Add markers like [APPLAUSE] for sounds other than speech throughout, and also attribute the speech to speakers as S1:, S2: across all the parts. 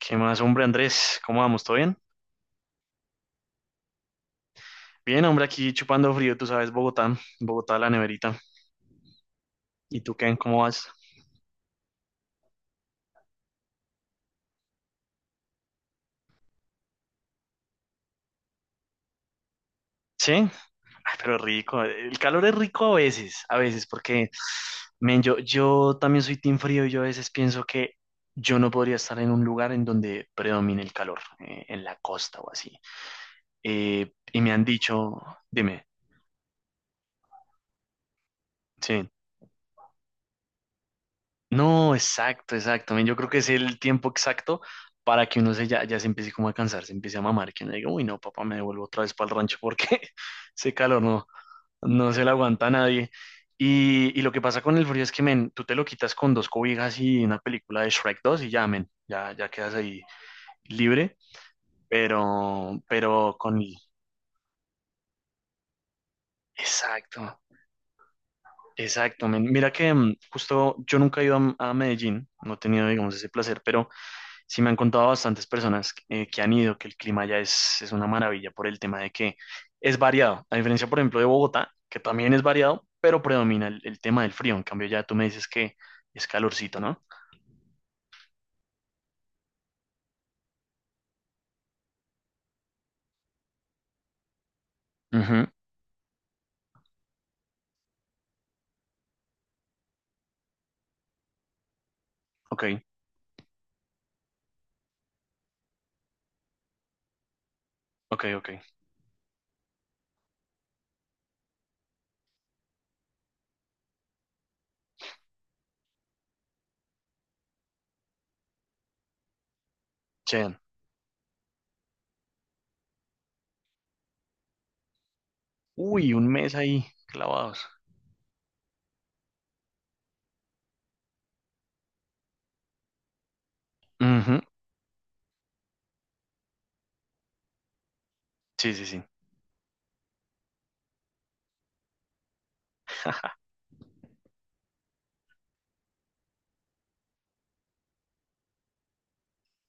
S1: ¿Qué más, hombre, Andrés? ¿Cómo vamos? ¿Todo bien? Bien, hombre, aquí chupando frío, tú sabes, Bogotá, Bogotá, la neverita. ¿Y tú qué? ¿Cómo vas? Sí. Ay, pero rico. El calor es rico a veces, porque, men, yo también soy team frío y yo a veces pienso que yo no podría estar en un lugar en donde predomine el calor, en la costa o así. Y me han dicho, dime, sí. No, exacto, exacto. Men, yo creo que es el tiempo exacto para que uno se ya, ya se empiece como a cansar, se empiece a mamar, que uno diga, uy, no, papá, me devuelvo otra vez para el rancho porque [LAUGHS] ese calor no, no se lo aguanta a nadie. Y lo que pasa con el frío es que, men, tú te lo quitas con dos cobijas y una película de Shrek dos y ya, men, ya, ya quedas ahí libre, pero con el... Exacto, exacto, men. Mira que justo yo nunca he ido a Medellín, no he tenido, digamos, ese placer, pero... Sí, me han contado bastantes personas que han ido que el clima ya es una maravilla por el tema de que es variado, a diferencia, por ejemplo, de Bogotá, que también es variado, pero predomina el tema del frío. En cambio, ya tú me dices que es calorcito, ¿no? Ujú. Ok, ok, ok. Che. Uy, un mes ahí clavados. Ujú, sí, sí, sí. [LAUGHS]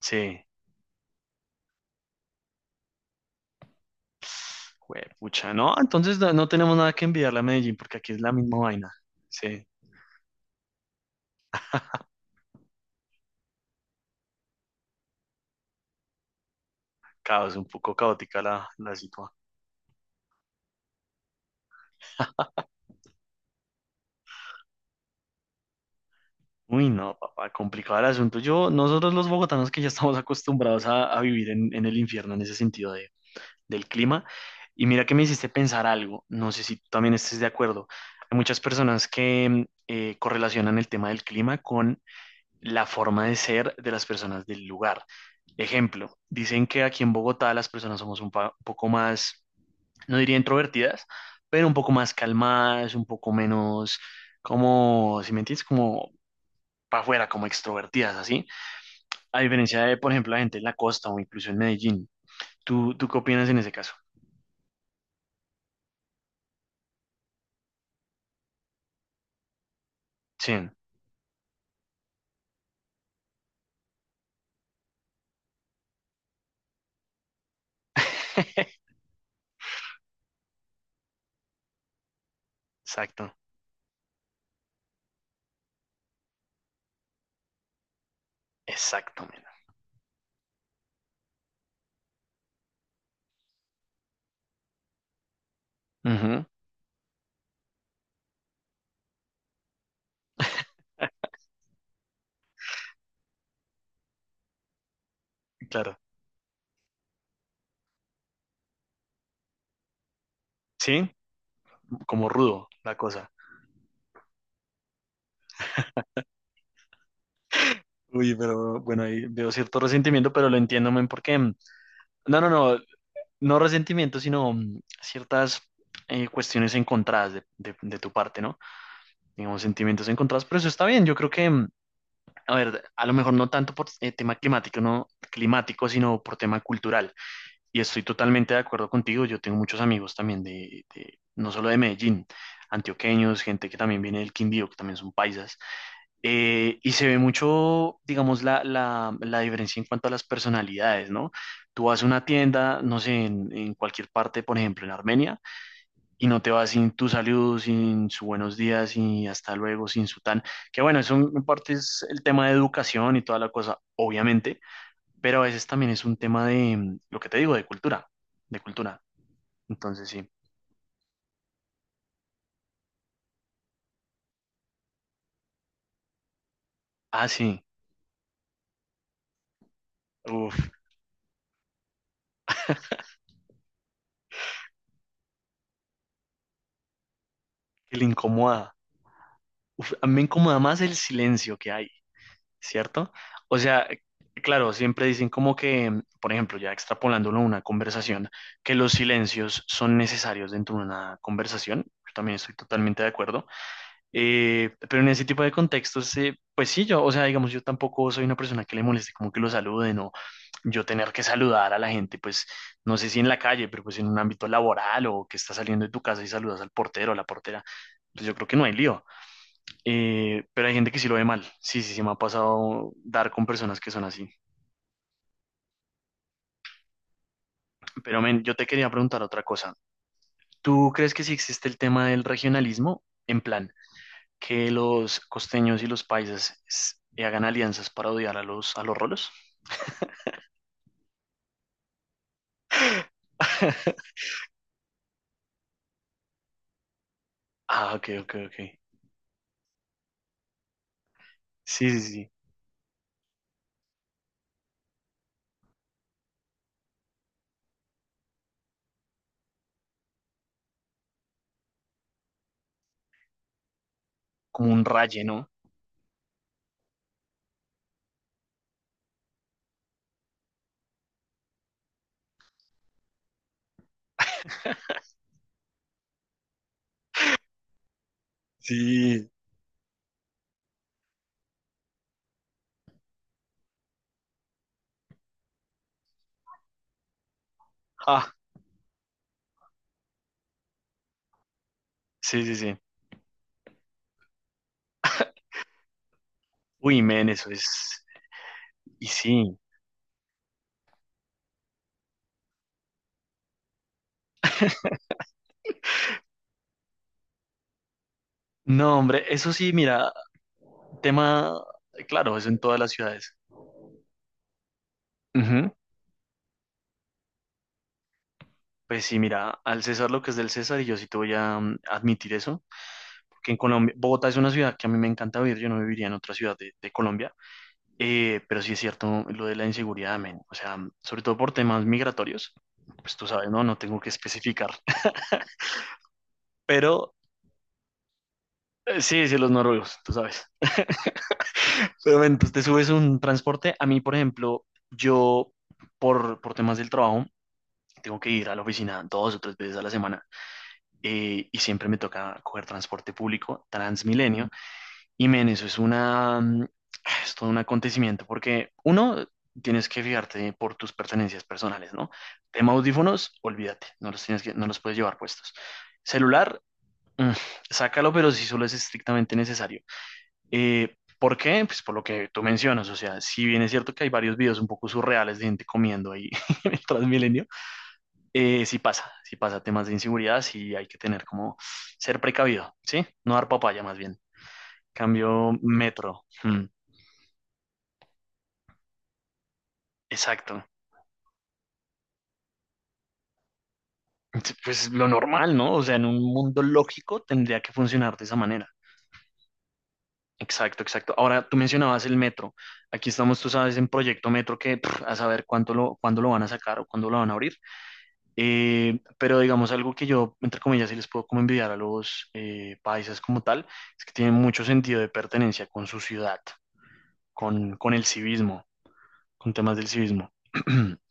S1: Sí. ¡Pucha! No, entonces no, no tenemos nada que enviarle a Medellín porque aquí es la misma vaina. Sí. [LAUGHS] Caos, un poco caótica la, la situación. Uy, no, papá, complicado el asunto. Yo, nosotros los bogotanos que ya estamos acostumbrados a vivir en el infierno en ese sentido de- del clima. Y mira que me hiciste pensar algo, no sé si tú también estés de acuerdo. Hay muchas personas que correlacionan el tema del clima con la forma de ser de las personas del lugar. Ejemplo, dicen que aquí en Bogotá las personas somos un, pa- un poco más, no diría introvertidas, pero un poco más calmadas, un poco menos, como, si me entiendes, como para afuera, como extrovertidas, así, a diferencia de, por ejemplo, la gente en la costa o incluso en Medellín. ¿Tú qué opinas en ese caso? Sí. [LAUGHS] Exacto, exacto, mira. Ujú. Claro. Sí, como rudo la cosa. Uy, pero bueno, ahí veo cierto resentimiento, pero lo entiendo, men, porque... no, no, no, no resentimiento, sino ciertas cuestiones encontradas de tu parte, ¿no? Digamos, sentimientos encontrados, pero eso está bien. Yo creo que a ver, a lo mejor no tanto por tema climático, no climático, sino por tema cultural. Y estoy totalmente de acuerdo contigo. Yo tengo muchos amigos también de- no solo de Medellín, antioqueños, gente que también viene del Quindío, que también son paisas. Y se ve mucho, digamos, la diferencia en cuanto a las personalidades, ¿no? Tú vas a una tienda, no sé, en cualquier parte, por ejemplo, en Armenia, y no te vas sin tu saludo, sin su buenos días y hasta luego, sin su tan. Que bueno, eso en parte es el tema de educación y toda la cosa, obviamente, pero a veces también es un tema de lo que te digo, de cultura, de cultura. Entonces sí. Ah, sí. Uf, el incomoda. Uf, a mí me incomoda más el silencio que hay, ¿cierto? O sea, claro, siempre dicen como que, por ejemplo, ya extrapolándolo a una conversación, que los silencios son necesarios dentro de una conversación. Yo también estoy totalmente de acuerdo. Pero en ese tipo de contextos, pues sí, yo, o sea, digamos, yo tampoco soy una persona que le moleste como que lo saluden o yo tener que saludar a la gente, pues no sé si en la calle, pero pues en un ámbito laboral o que estás saliendo de tu casa y saludas al portero o la portera, pues yo creo que no hay lío. Pero hay gente que sí lo ve mal. Sí, sí, sí, me ha pasado dar con personas que son así. Pero men, yo te quería preguntar otra cosa. ¿Tú crees que sí existe el tema del regionalismo? En plan, que los costeños y los paisas s- hagan alianzas para odiar a los rolos. Ah, ok, ok, ok. Sí, sí, sí. Como un raye, ¿no? Sí. Ah, sí, sí, sí. Uy, men, eso es. Y sí. No, hombre, eso sí, mira, tema, claro, eso en todas las ciudades. Ujú. Pues sí, mira, al César lo que es del César, y yo sí te voy a admitir eso, porque en Colombia, Bogotá es una ciudad que a mí me encanta vivir, yo no viviría en otra ciudad de Colombia. Pero sí es cierto lo de la inseguridad, men. O sea, sobre todo por temas migratorios, pues tú sabes, ¿no? No tengo que especificar. [LAUGHS] Pero sí, sí, los noruegos, tú sabes. Pero men, pues te subes un transporte. A mí, por ejemplo, yo por temas del trabajo tengo que ir a la oficina dos o tres veces a la semana, y siempre me toca coger transporte público, Transmilenio, y men, eso es una, es todo un acontecimiento porque uno, tienes que fijarte por tus pertenencias personales, ¿no? Tema audífonos, olvídate, no los tienes que, no los puedes llevar puestos. Celular, mm, sácalo, pero si solo es estrictamente necesario. ¿por qué? Pues por lo que tú mencionas, o sea, si bien es cierto que hay varios videos un poco surreales de gente comiendo ahí [LAUGHS] en el Transmilenio, sí pasa temas de inseguridad, sí hay que tener como ser precavido, ¿sí? No dar papaya más bien. Cambio metro. Mm. Exacto. Pues lo normal, ¿no? O sea, en un mundo lógico tendría que funcionar de esa manera. Exacto, exacto. Ahora, tú mencionabas el metro. Aquí estamos, tú sabes, en Proyecto Metro que pff, a saber cuánto lo, cuándo lo van a sacar o cuándo lo van a abrir. Pero digamos algo que yo, entre comillas, sí les puedo como envidiar a los paisas como tal, es que tienen mucho sentido de pertenencia con su ciudad, con el civismo, con temas del civismo. [CLEARS THROAT]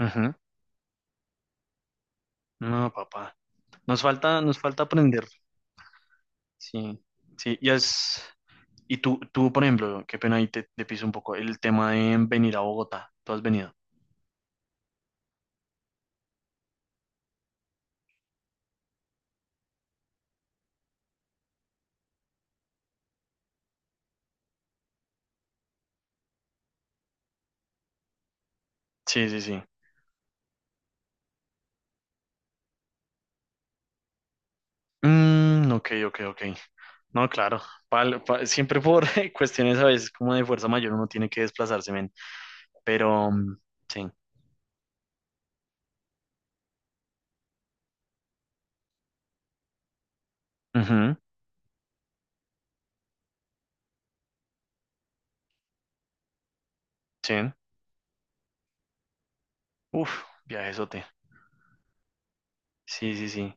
S1: Ujú. No, papá. Nos falta aprender. Sí, sí. Ya es. Y tú, por ejemplo, qué pena ahí te, te piso un poco el tema de venir a Bogotá. ¿Tú has venido? Sí, sí, sí. Mm, ok, ok, ok. No, claro. Pal- pa- siempre por [LAUGHS] cuestiones a veces como de fuerza mayor uno tiene que desplazarse, men. Pero, sí. Ujú, sí. Uf, viajezote. Sí, sí, sí.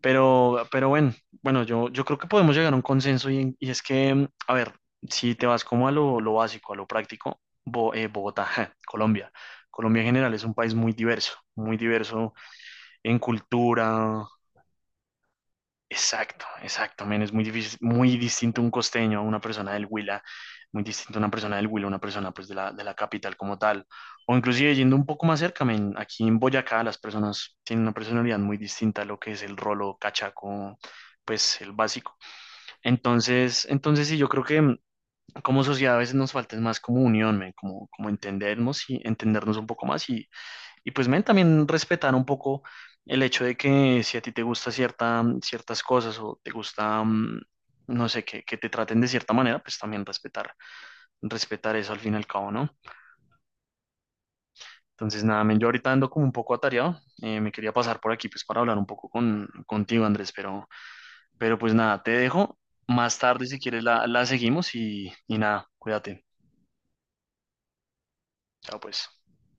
S1: Pero bueno, bueno, yo creo que podemos llegar a un consenso y, en- y es que, a ver, si te vas como a lo básico, a lo práctico, Bo- Bogotá, [LAUGHS] Colombia. Colombia en general es un país muy diverso en cultura. Exacto, exacto, men, es muy difícil, muy distinto un costeño a una persona del Huila, muy distinto a una persona del Huila, a una persona pues de la capital como tal, o inclusive yendo un poco más cerca, men, aquí en Boyacá las personas tienen una personalidad muy distinta a lo que es el rolo cachaco, pues el básico. Entonces, entonces sí, yo creo que como sociedad a veces nos falta es más como unión, men, como, como entendernos y entendernos un poco más y pues, men, también respetar un poco el hecho de que si a ti te gusta cierta, ciertas cosas o te gusta, no sé, que te traten de cierta manera, pues también respetar, respetar eso al fin y al cabo, ¿no? Entonces, nada, men, yo ahorita ando como un poco atareado, me quería pasar por aquí pues para hablar un poco con, contigo, Andrés, pero pues nada, te dejo. Más tarde, si quieres, la seguimos y nada, cuídate. Chao, pues.